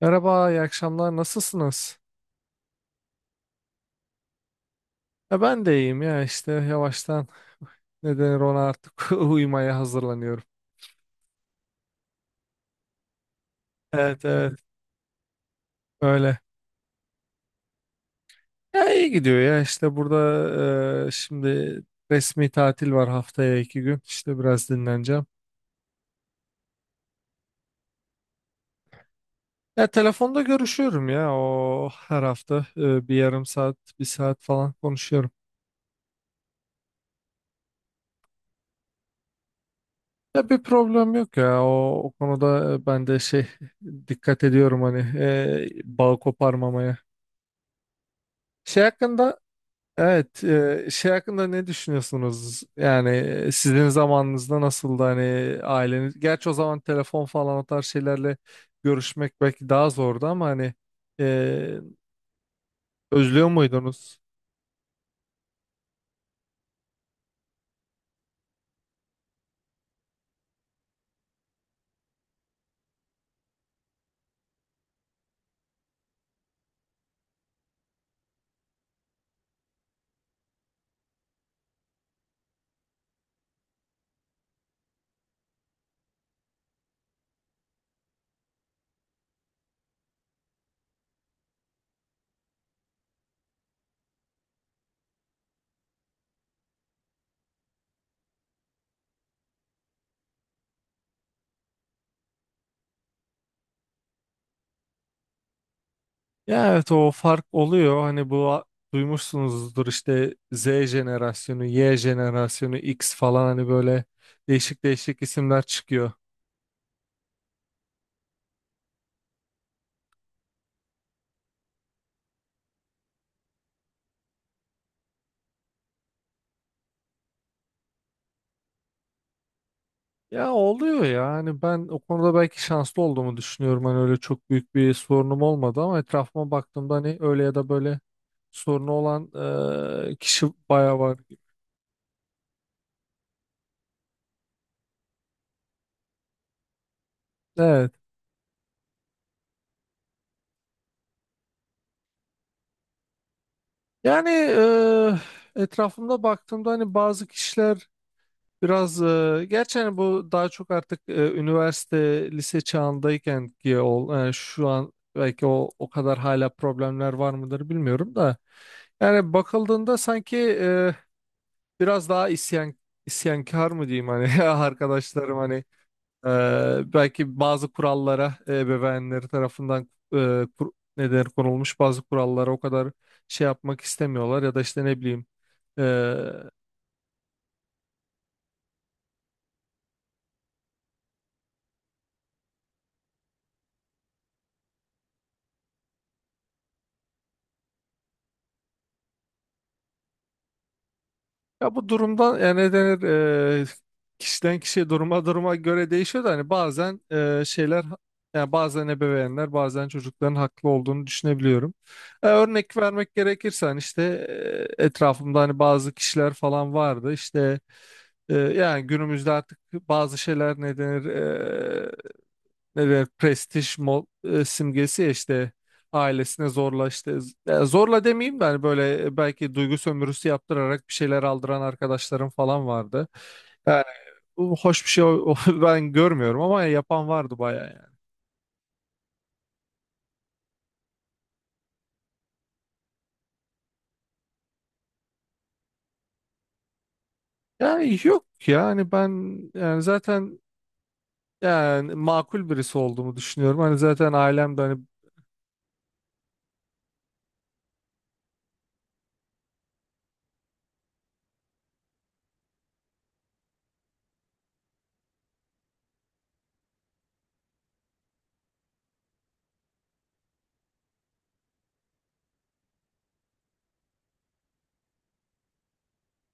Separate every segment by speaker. Speaker 1: Merhaba, iyi akşamlar. Nasılsınız? Ya ben de iyiyim ya işte yavaştan ne denir ona artık uyumaya hazırlanıyorum. Evet, evet, öyle. Ya iyi gidiyor ya işte burada şimdi resmi tatil var haftaya iki gün işte biraz dinleneceğim. Ya telefonda görüşüyorum ya o her hafta bir yarım saat bir saat falan konuşuyorum. Ya bir problem yok ya o, o konuda ben de şey dikkat ediyorum hani bağ koparmamaya. Şey hakkında evet, şey hakkında ne düşünüyorsunuz? Yani sizin zamanınızda nasıldı hani aileniz? Gerçi o zaman telefon falan o tarz şeylerle görüşmek belki daha zordu ama hani e, özlüyor muydunuz? Ya evet, o fark oluyor. Hani bu duymuşsunuzdur işte Z jenerasyonu, Y jenerasyonu, X falan hani böyle değişik değişik isimler çıkıyor. Ya oluyor ya hani ben o konuda belki şanslı olduğumu düşünüyorum, hani öyle çok büyük bir sorunum olmadı ama etrafıma baktığımda hani öyle ya da böyle sorunu olan kişi bayağı var. Evet, yani etrafımda baktığımda hani bazı kişiler biraz gerçi hani bu daha çok artık üniversite lise çağındayken ki ol, yani şu an belki o kadar hala problemler var mıdır bilmiyorum da yani bakıldığında sanki biraz daha isyankar mı diyeyim hani arkadaşlarım hani belki bazı kurallara ebeveynleri tarafından ne denir, konulmuş bazı kurallara o kadar şey yapmak istemiyorlar ya da işte ne bileyim. Ya bu durumdan yani ne denir eee, kişiden kişiye duruma göre değişiyor da hani bazen şeyler, yani bazen ebeveynler, bazen çocukların haklı olduğunu düşünebiliyorum. E, örnek vermek gerekirse hani işte etrafımda hani bazı kişiler falan vardı işte. Yani günümüzde artık bazı şeyler ne denir, ne demek, simgesi, ya işte ailesine zorla, işte zorla demeyeyim de hani böyle belki duygu sömürüsü yaptırarak bir şeyler aldıran arkadaşlarım falan vardı. Yani bu hoş bir şey ben görmüyorum ama yapan vardı bayağı yani. Yani yok, yani ben, yani zaten yani makul birisi olduğumu düşünüyorum. Hani zaten ailem de hani.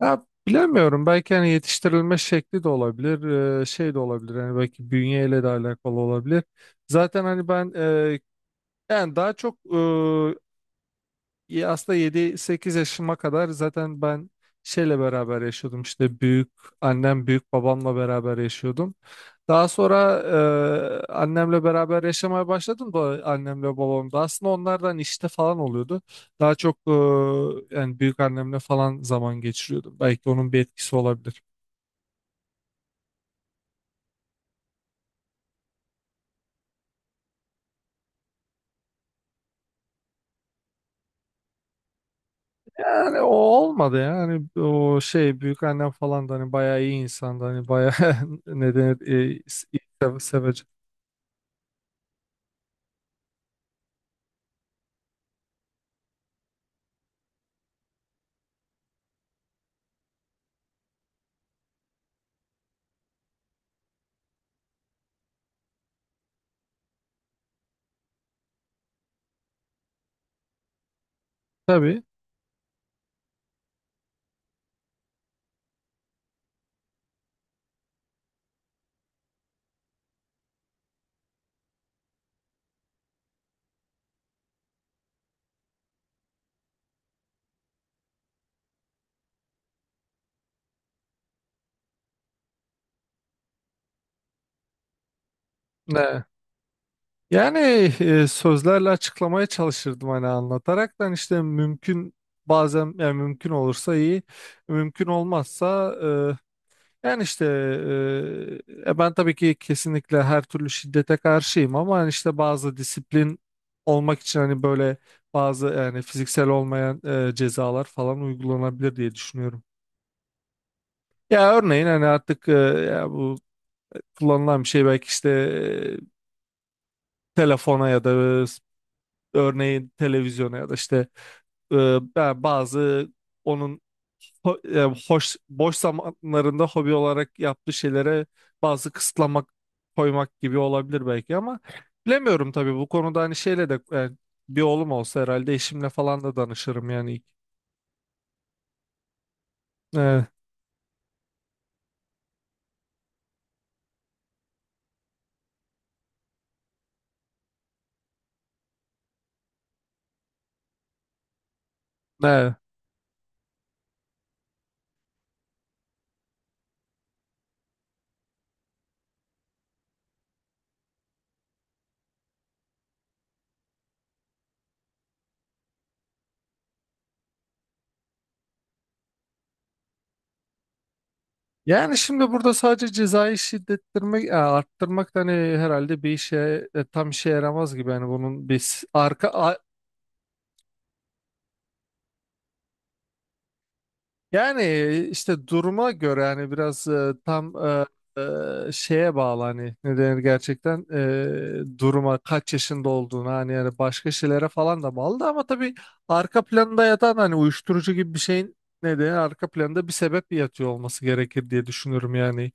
Speaker 1: Ya bilemiyorum. Belki hani yetiştirilme şekli de olabilir, şey de olabilir. Hani belki bünyeyle de alakalı olabilir. Zaten hani ben, yani daha çok, ya aslında yedi sekiz yaşıma kadar zaten ben şeyle beraber yaşıyordum, işte büyük annem büyük babamla beraber yaşıyordum. Daha sonra annemle beraber yaşamaya başladım da annemle babam da aslında onlardan işte falan oluyordu. Daha çok yani büyük annemle falan zaman geçiriyordum. Belki onun bir etkisi olabilir. Yani o olmadı ya. Hani o şey, büyük annem falan da hani bayağı iyi insandı. Hani bayağı ne denir, sevecek. Tabii. Ne? Yani sözlerle açıklamaya çalışırdım hani anlataraktan işte mümkün, bazen yani mümkün olursa iyi, mümkün olmazsa yani işte ben tabii ki kesinlikle her türlü şiddete karşıyım ama hani işte bazı disiplin olmak için hani böyle bazı yani fiziksel olmayan cezalar falan uygulanabilir diye düşünüyorum. Ya örneğin hani artık ya bu kullanılan bir şey belki, işte telefona ya da e, örneğin televizyona ya da işte e, ben bazı onun ho- e, hoş boş zamanlarında hobi olarak yaptığı şeylere bazı kısıtlamak koymak gibi olabilir belki, ama bilemiyorum tabii bu konuda hani şeyle de, yani bir oğlum olsa herhalde eşimle falan da danışırım yani. Evet, evet. Yani şimdi burada sadece cezayı şiddettirmek, arttırmak da hani herhalde bir işe tam işe yaramaz gibi. Yani bunun bir arka yani işte duruma göre hani biraz tam şeye bağlı hani ne denir gerçekten duruma, kaç yaşında olduğuna, hani yani başka şeylere falan da bağlı da, ama tabii arka planında yatan hani uyuşturucu gibi bir şeyin ne denir arka planında bir sebep yatıyor olması gerekir diye düşünüyorum yani.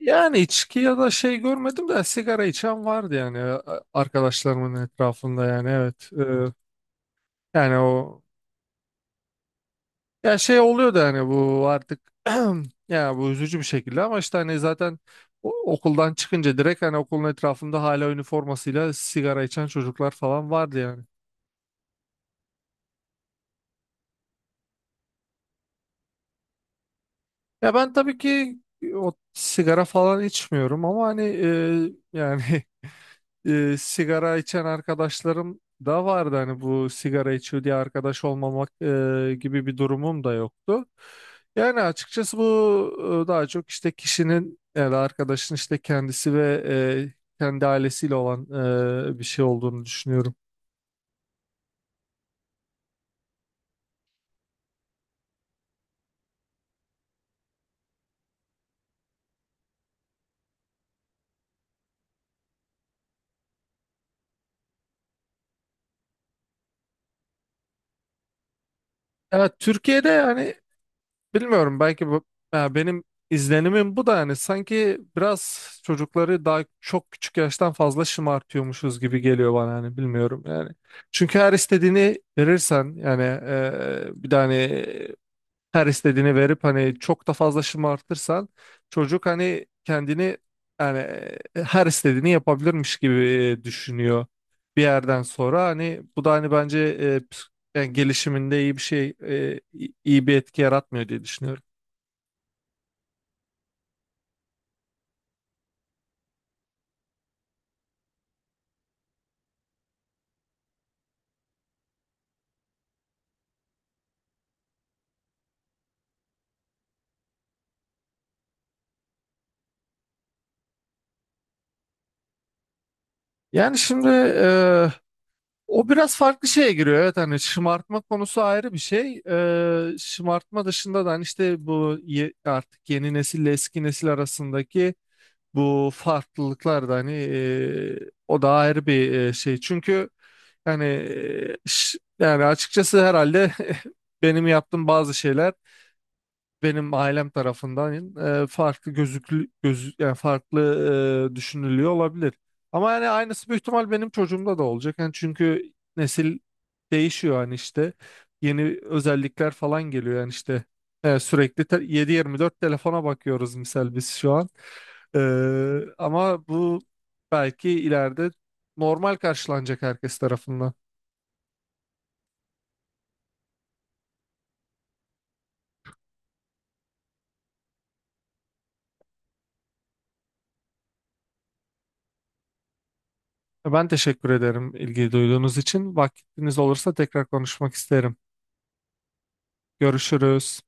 Speaker 1: Yani içki ya da şey görmedim de sigara içen vardı yani arkadaşlarımın etrafında, yani evet. E, yani o, ya şey oluyor da hani bu artık ya bu üzücü bir şekilde ama işte hani zaten okuldan çıkınca direkt hani okulun etrafında hala üniformasıyla sigara içen çocuklar falan vardı yani. Ya ben tabii ki o sigara falan içmiyorum ama hani yani sigara içen arkadaşlarım da vardı. Hani bu sigara içiyor diye arkadaş olmamak gibi bir durumum da yoktu. Yani açıkçası bu daha çok işte kişinin ya da arkadaşın işte kendisi ve e, kendi ailesiyle olan bir şey olduğunu düşünüyorum. Evet, Türkiye'de yani bilmiyorum, belki bu, ya benim izlenimim bu da, yani sanki biraz çocukları daha çok küçük yaştan fazla şımartıyormuşuz gibi geliyor bana, hani bilmiyorum yani. Çünkü her istediğini verirsen, yani bir tane her istediğini verip hani çok da fazla şımartırsan çocuk hani kendini, yani her istediğini yapabilirmiş gibi düşünüyor bir yerden sonra, hani bu da hani bence yani gelişiminde iyi bir şey iyi bir etki yaratmıyor diye düşünüyorum. Yani şimdi o biraz farklı şeye giriyor. Evet hani şımartma konusu ayrı bir şey. E, şımartma dışında da hani işte bu artık yeni nesille eski nesil arasındaki bu farklılıklar da hani o da ayrı bir şey. Çünkü yani yani açıkçası herhalde benim yaptığım bazı şeyler benim ailem tarafından farklı gözü, yani farklı düşünülüyor olabilir. Ama yani aynısı büyük ihtimal benim çocuğumda da olacak. Yani çünkü nesil değişiyor hani işte yeni özellikler falan geliyor yani işte sürekli 7-24 telefona bakıyoruz misal biz şu an. E, ama bu belki ileride normal karşılanacak herkes tarafından. Ben teşekkür ederim ilgi duyduğunuz için. Vaktiniz olursa tekrar konuşmak isterim. Görüşürüz.